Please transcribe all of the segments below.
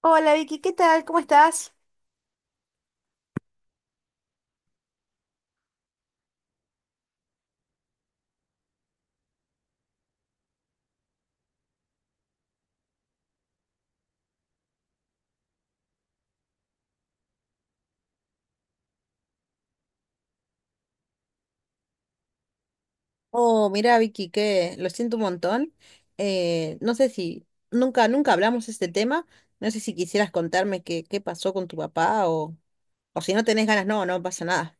Hola Vicky, ¿qué tal? ¿Cómo estás? Oh, mira, Vicky, que lo siento un montón. No sé si nunca hablamos de este tema. No sé si quisieras contarme qué pasó con tu papá o si no tenés ganas, no, no pasa nada.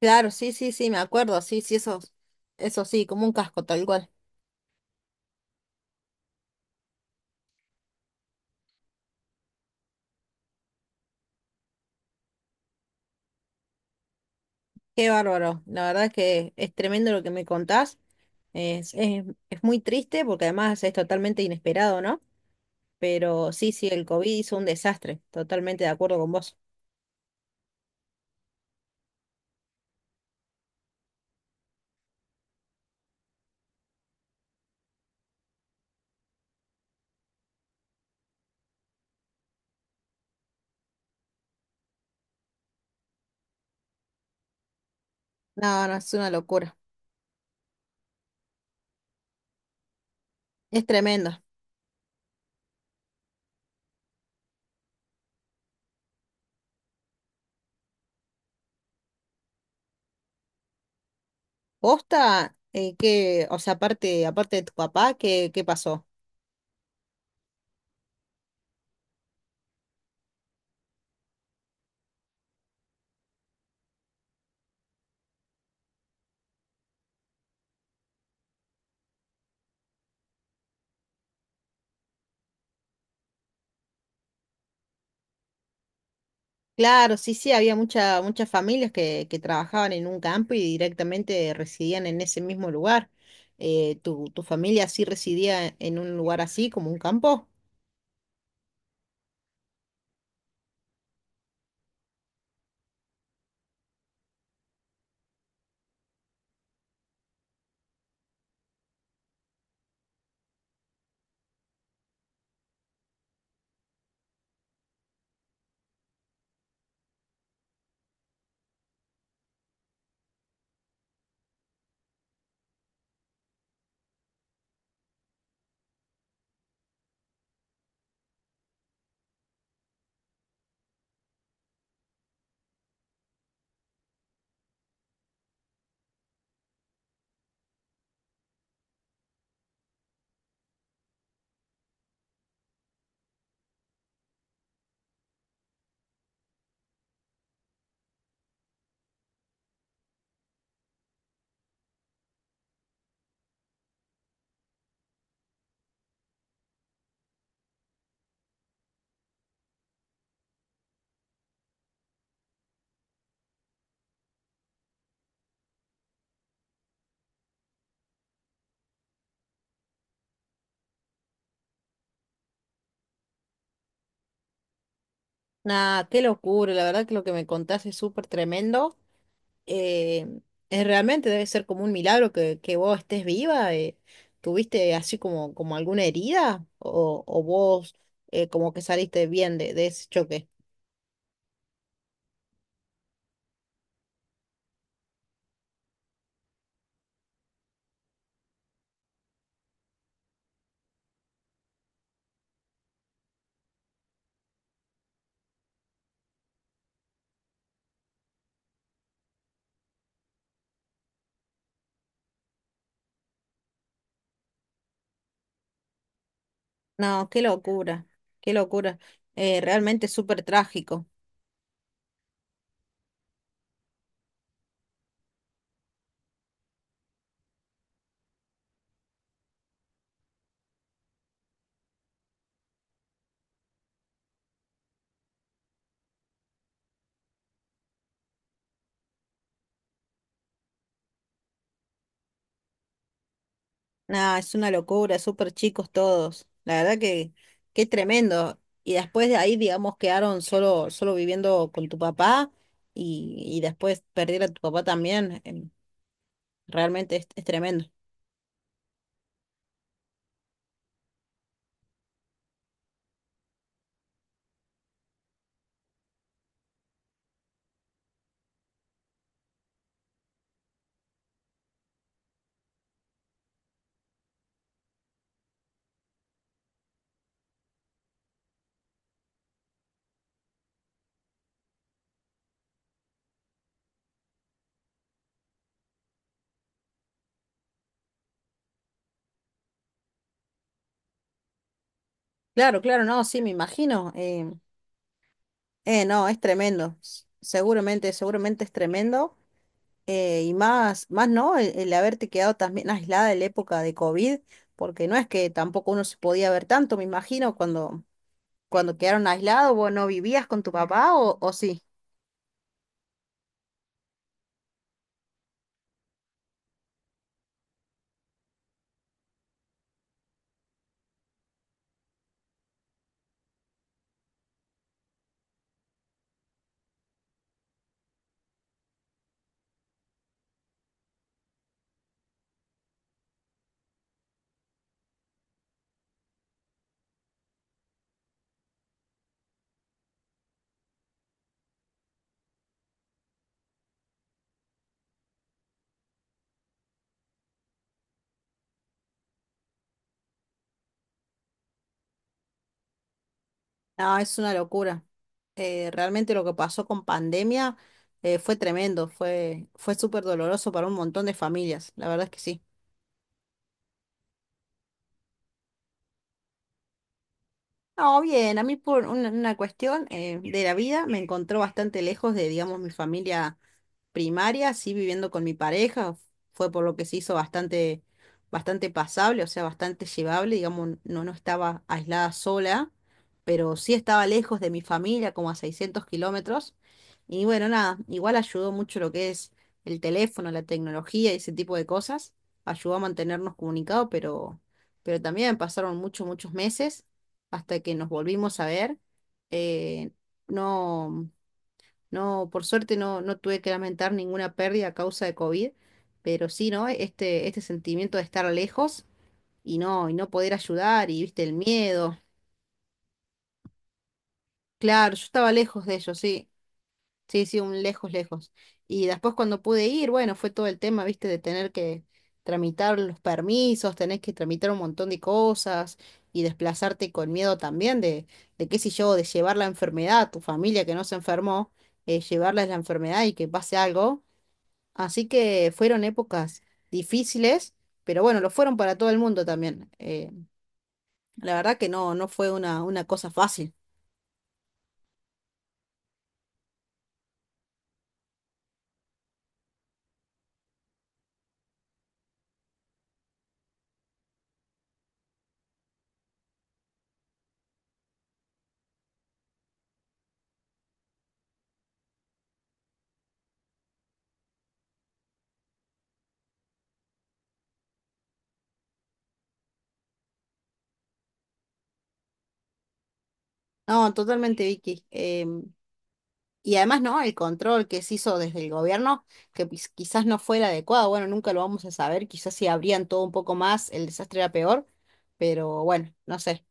Claro, sí, sí, sí, me acuerdo. Sí, sí, eso sí, como un casco, tal cual. Qué bárbaro. La verdad es que es tremendo lo que me contás. Es, es, es muy triste porque además es totalmente inesperado, ¿no? Pero sí, sí, el COVID hizo un desastre. Totalmente de acuerdo con vos. No, no, es una locura. Es tremendo. Posta, que, o sea, aparte de tu papá, qué pasó? Claro, sí, sí, había muchas familias que trabajaban en un campo y directamente residían en ese mismo lugar. Tu familia sí residía en un lugar así, como un campo? Nah, qué locura, la verdad que lo que me contaste es súper tremendo. eh, es realmente debe ser como un milagro que vos estés viva. ¿Tuviste así como alguna herida? O vos como que saliste bien de ese choque? No, qué locura, qué locura. Realmente es súper trágico. Nada, es una locura, súper chicos todos. La verdad que qué tremendo. Y después de ahí, digamos, quedaron solo viviendo con tu papá y después perder a tu papá también. Realmente es tremendo. Claro, claro, no, sí, me imagino. No, es tremendo. Seguramente, seguramente es tremendo. Y más no, el haberte quedado también aislada en la época de COVID, porque no es que tampoco uno se podía ver tanto, me imagino, cuando quedaron aislados, vos no vivías con tu papá o sí. No, es una locura. Realmente lo que pasó con pandemia fue tremendo, fue súper doloroso para un montón de familias, la verdad es que sí. No, bien, a mí por una cuestión de la vida me encontró bastante lejos de, digamos, mi familia primaria, sí viviendo con mi pareja, fue por lo que se hizo bastante pasable, o sea, bastante llevable, digamos, no, no estaba aislada sola, pero sí estaba lejos de mi familia, como a 600 km, y bueno, nada, igual ayudó mucho lo que es el teléfono, la tecnología y ese tipo de cosas, ayudó a mantenernos comunicados, pero también pasaron muchos meses hasta que nos volvimos a ver. eh, no. No, por suerte no, no tuve que lamentar ninguna pérdida a causa de COVID, pero sí, ¿no? Este sentimiento de estar lejos y y no poder ayudar, y viste, el miedo. Claro, yo estaba lejos de ellos, sí. Sí, sí, un lejos, lejos. Y después cuando pude ir, bueno, fue todo el tema, viste, de tener que tramitar los permisos, tenés que tramitar un montón de cosas y desplazarte con miedo también de qué sé yo, de llevar la enfermedad a tu familia que no se enfermó, llevarles la enfermedad y que pase algo. Así que fueron épocas difíciles, pero bueno, lo fueron para todo el mundo también. La verdad que no, no fue una cosa fácil. No, totalmente, Vicky. Em, y además, ¿no? El control que se hizo desde el gobierno, que pues quizás no fue el adecuado, bueno, nunca lo vamos a saber, quizás si abrían todo un poco más, el desastre era peor, pero bueno, no sé.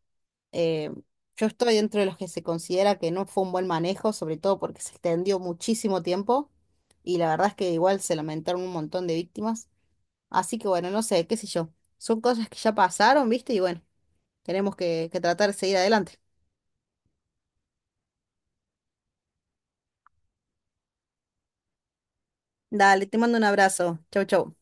Em, yo estoy dentro de los que se considera que no fue un buen manejo, sobre todo porque se extendió muchísimo tiempo y la verdad es que igual se lamentaron un montón de víctimas. Así que bueno, no sé, qué sé yo. Son cosas que ya pasaron, ¿viste? Y bueno, tenemos que tratar de seguir adelante. Dale, te mando un abrazo. Chau, chau.